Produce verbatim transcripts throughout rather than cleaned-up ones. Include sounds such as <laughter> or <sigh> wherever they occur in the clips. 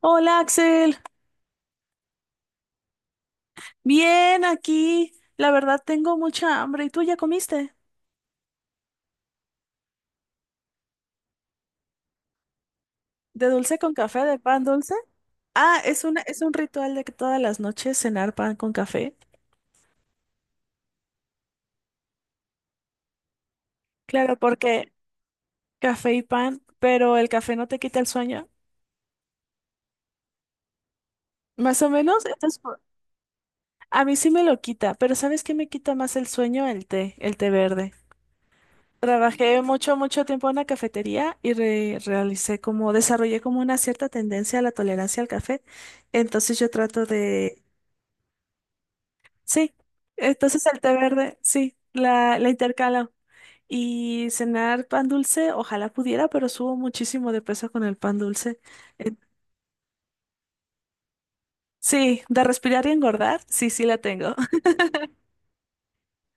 Hola, Axel, bien aquí. La verdad tengo mucha hambre. ¿Y tú ya comiste? ¿De dulce con café, de pan dulce? Ah, es una, es un ritual de que todas las noches cenar pan con café. Claro, porque café y pan, pero el café no te quita el sueño. Más o menos, entonces, por- a mí sí me lo quita, pero ¿sabes qué me quita más el sueño? El té, el té verde. Trabajé mucho, mucho tiempo en una cafetería y re- realicé como, desarrollé como una cierta tendencia a la tolerancia al café. Entonces yo trato de Sí, entonces el té verde, sí, la, la intercalo. Y cenar pan dulce, ojalá pudiera, pero subo muchísimo de peso con el pan dulce. Eh, sí, de respirar y engordar, sí, sí la tengo. <laughs>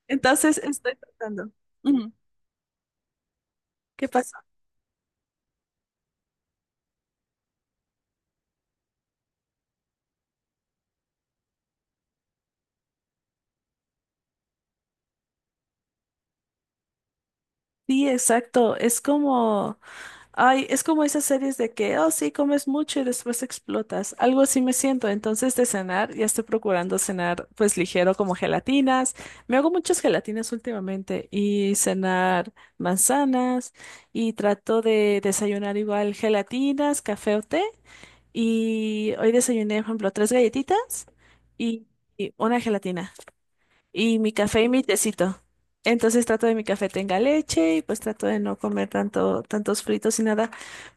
Entonces estoy tratando. Ujú. ¿Qué pasa? Sí, exacto. Es como Ay, es como esas series de que, oh, sí, comes mucho y después explotas. Algo así me siento. Entonces, de cenar, ya estoy procurando cenar, pues ligero, como gelatinas. Me hago muchas gelatinas últimamente y cenar manzanas, y trato de desayunar igual gelatinas, café o té. Y hoy desayuné, por ejemplo, tres galletitas y, y una gelatina y mi café y mi tecito. Entonces trato de mi café tenga leche, y pues trato de no comer tanto, tantos fritos y nada.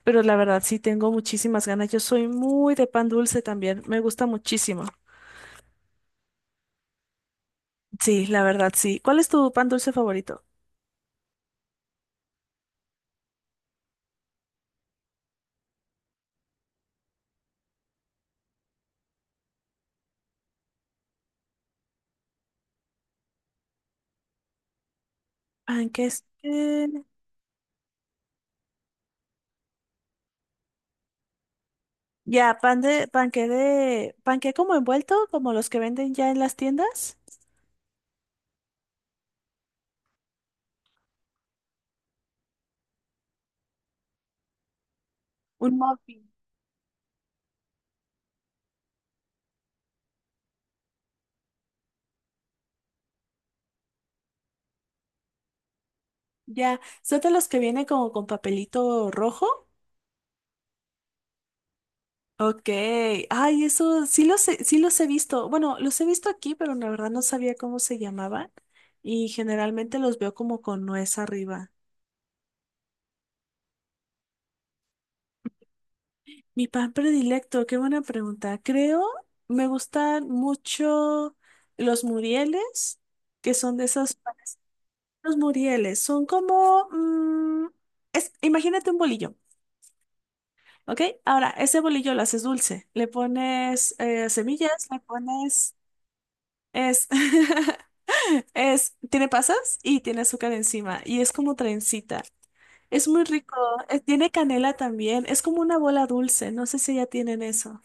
Pero la verdad sí tengo muchísimas ganas. Yo soy muy de pan dulce también. Me gusta muchísimo. Sí, la verdad sí. ¿Cuál es tu pan dulce favorito? Panques. eh, Ya, pan de, panque de, panque como envuelto, como los que venden ya en las tiendas. Un muffin. Ya, ¿son de los que vienen como con papelito rojo? Ok, ay, eso sí los he, sí los he visto. Bueno, los he visto aquí, pero la verdad no sabía cómo se llamaban, y generalmente los veo como con nuez arriba. Mi pan predilecto, qué buena pregunta. Creo me gustan mucho los murieles, que son de esos. Los murieles, son como, mm, es, imagínate un bolillo. ¿Ok? Ahora, ese bolillo lo haces dulce, le pones eh, semillas, le pones es <laughs> Es, tiene pasas y tiene azúcar encima y es como trencita. Es muy rico. eh, Tiene canela también. Es como una bola dulce. No sé si ya tienen eso.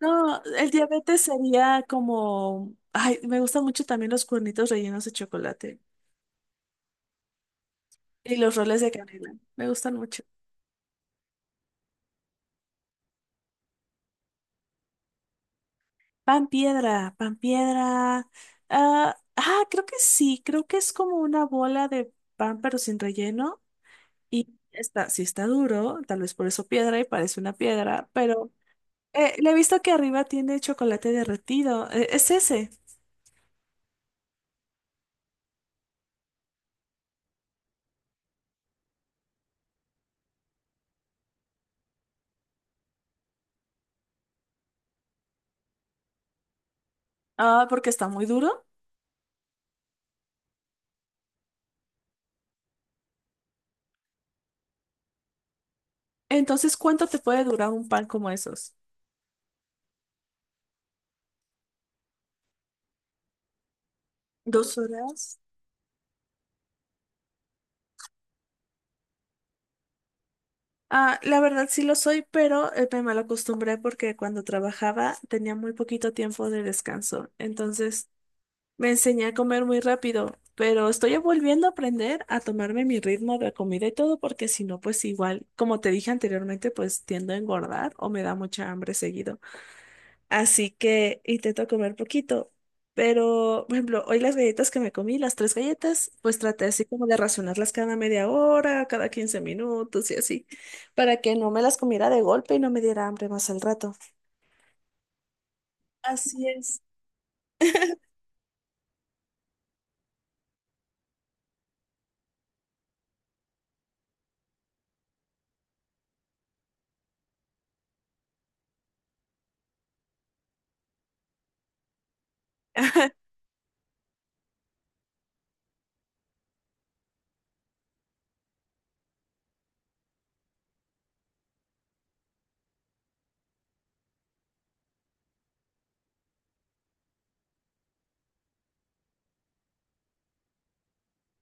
No, el diabetes sería como. Ay, me gustan mucho también los cuernitos rellenos de chocolate y los roles de canela. Me gustan mucho. Pan piedra, pan piedra. Ah, ah, creo que sí. Creo que es como una bola de pan pero sin relleno. Y está, sí está duro, tal vez por eso piedra, y parece una piedra, pero. Eh, le he visto que arriba tiene chocolate derretido. Eh, ¿es ese? Ah, porque está muy duro. Entonces, ¿cuánto te puede durar un pan como esos? ¿Dos horas? Ah, la verdad sí lo soy, pero eh, me mal acostumbré porque cuando trabajaba tenía muy poquito tiempo de descanso. Entonces, me enseñé a comer muy rápido, pero estoy volviendo a aprender a tomarme mi ritmo de comida y todo porque si no, pues igual, como te dije anteriormente, pues tiendo a engordar o me da mucha hambre seguido. Así que intento comer poquito. Pero, por ejemplo, hoy las galletas que me comí, las tres galletas, pues traté así como de racionarlas cada media hora, cada quince minutos y así, para que no me las comiera de golpe y no me diera hambre más al rato. Así es. <laughs>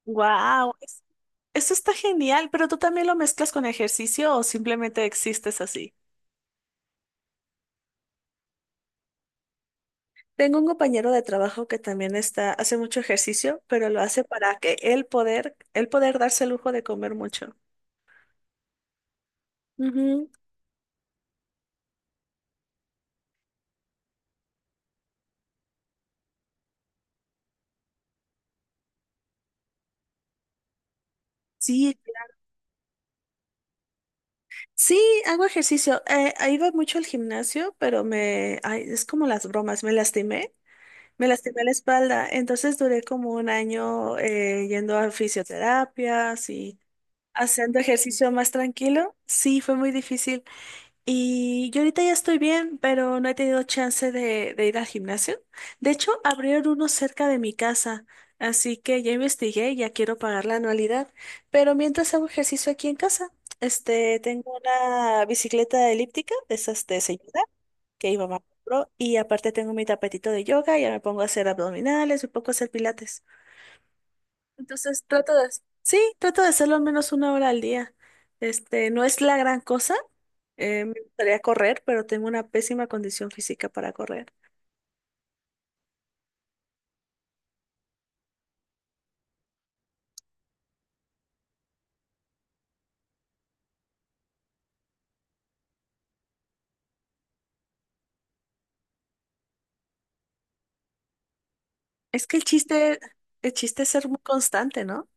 Wow, eso está genial, pero tú también lo mezclas con ejercicio o simplemente existes así. Tengo un compañero de trabajo que también está, hace mucho ejercicio, pero lo hace para que él poder, él poder darse el lujo de comer mucho. Sí, sí, hago ejercicio. Eh, eh, iba mucho al gimnasio, pero me, ay, es como las bromas, me lastimé, me lastimé la espalda. Entonces duré como un año eh, yendo a fisioterapias y haciendo ejercicio más tranquilo. Sí, fue muy difícil. Y yo ahorita ya estoy bien, pero no he tenido chance de, de ir al gimnasio. De hecho, abrieron uno cerca de mi casa, así que ya investigué y ya quiero pagar la anualidad. Pero mientras hago ejercicio aquí en casa, este, tengo una bicicleta elíptica, de esas de señora, que mi mamá compró, y aparte tengo mi tapetito de yoga, ya me pongo a hacer abdominales, me pongo a hacer pilates. Entonces trato de, sí, trato de hacerlo al menos una hora al día. Este, no es la gran cosa. eh, me gustaría correr, pero tengo una pésima condición física para correr. Es que el chiste, el chiste es ser muy constante, ¿no?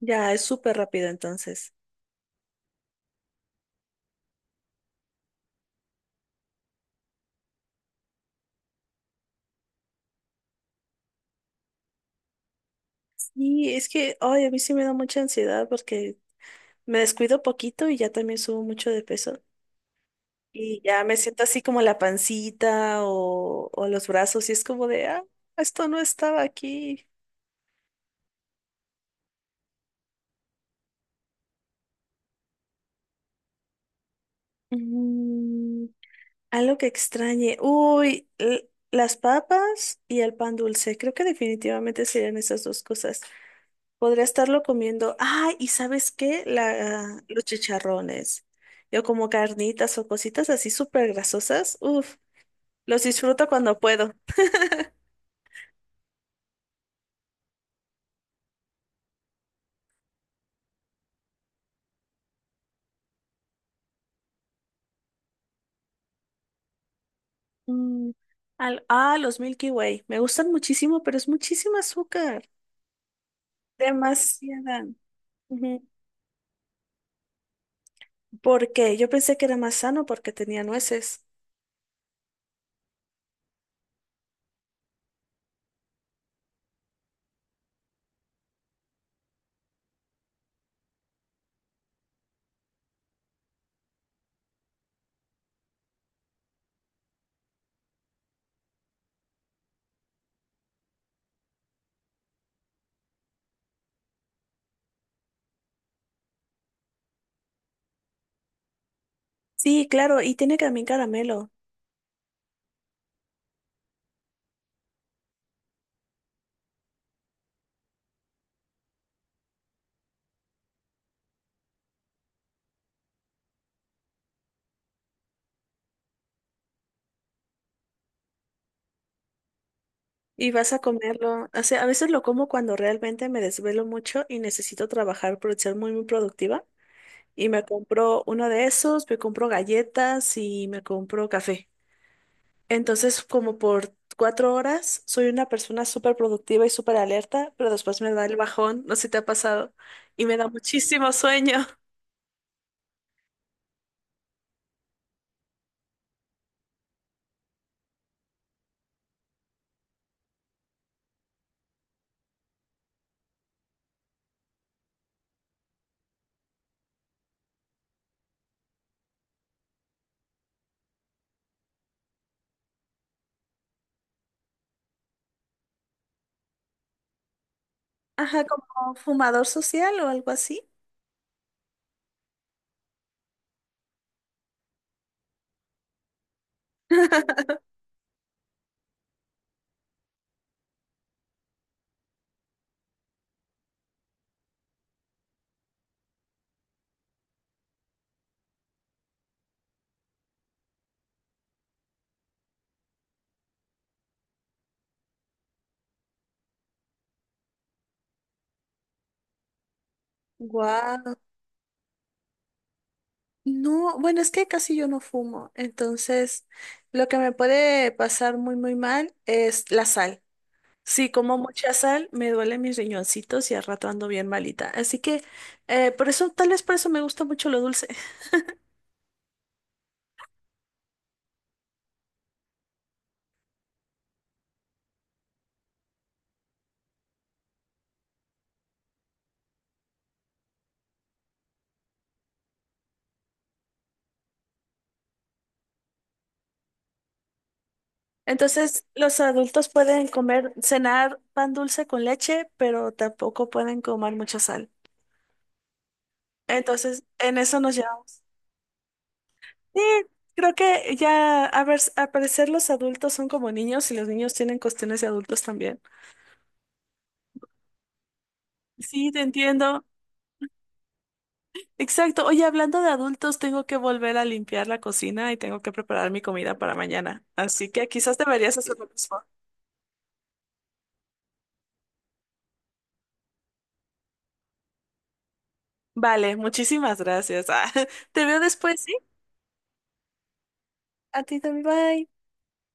Ya, es súper rápido entonces. Y es que, ay, a mí sí me da mucha ansiedad porque me descuido poquito y ya también subo mucho de peso. Y ya me siento así como la pancita o, o los brazos y es como de, ah, esto no estaba aquí. Mm, Algo que extrañe. Uy, l- las papas y el pan dulce. Creo que definitivamente serían esas dos cosas. Podría estarlo comiendo. Ah, ¿y sabes qué? La, los chicharrones. Yo como carnitas o cositas así súper grasosas. Uf, los disfruto cuando puedo. Mm, al- ah, los Milky Way. Me gustan muchísimo, pero es muchísimo azúcar. Demasiada. Ujú. ¿Por qué? Yo pensé que era más sano porque tenía nueces. Sí, claro, y tiene también caramelo. Y vas a comerlo. O sea, a veces lo como cuando realmente me desvelo mucho y necesito trabajar por ser muy, muy productiva. Y me compro uno de esos, me compro galletas y me compro café. Entonces, como por cuatro horas, soy una persona súper productiva y súper alerta, pero después me da el bajón, no sé si te ha pasado, y me da muchísimo sueño. <laughs> Ajá, como fumador social o algo así. <laughs> Wow. No, bueno, es que casi yo no fumo, entonces lo que me puede pasar muy, muy mal es la sal. Si como mucha sal, me duelen mis riñoncitos y al rato ando bien malita. Así que eh, por eso, tal vez por eso me gusta mucho lo dulce. <laughs> Entonces, los adultos pueden comer, cenar pan dulce con leche, pero tampoco pueden comer mucha sal. Entonces, en eso nos llevamos. Sí, creo que ya, a ver, al parecer los adultos son como niños, y los niños tienen cuestiones de adultos también. Sí, te entiendo. Exacto. Oye, hablando de adultos, tengo que volver a limpiar la cocina y tengo que preparar mi comida para mañana. Así que quizás deberías hacer lo mismo. Vale, muchísimas gracias. <laughs> Ah, te veo después, ¿sí? A ti también, bye.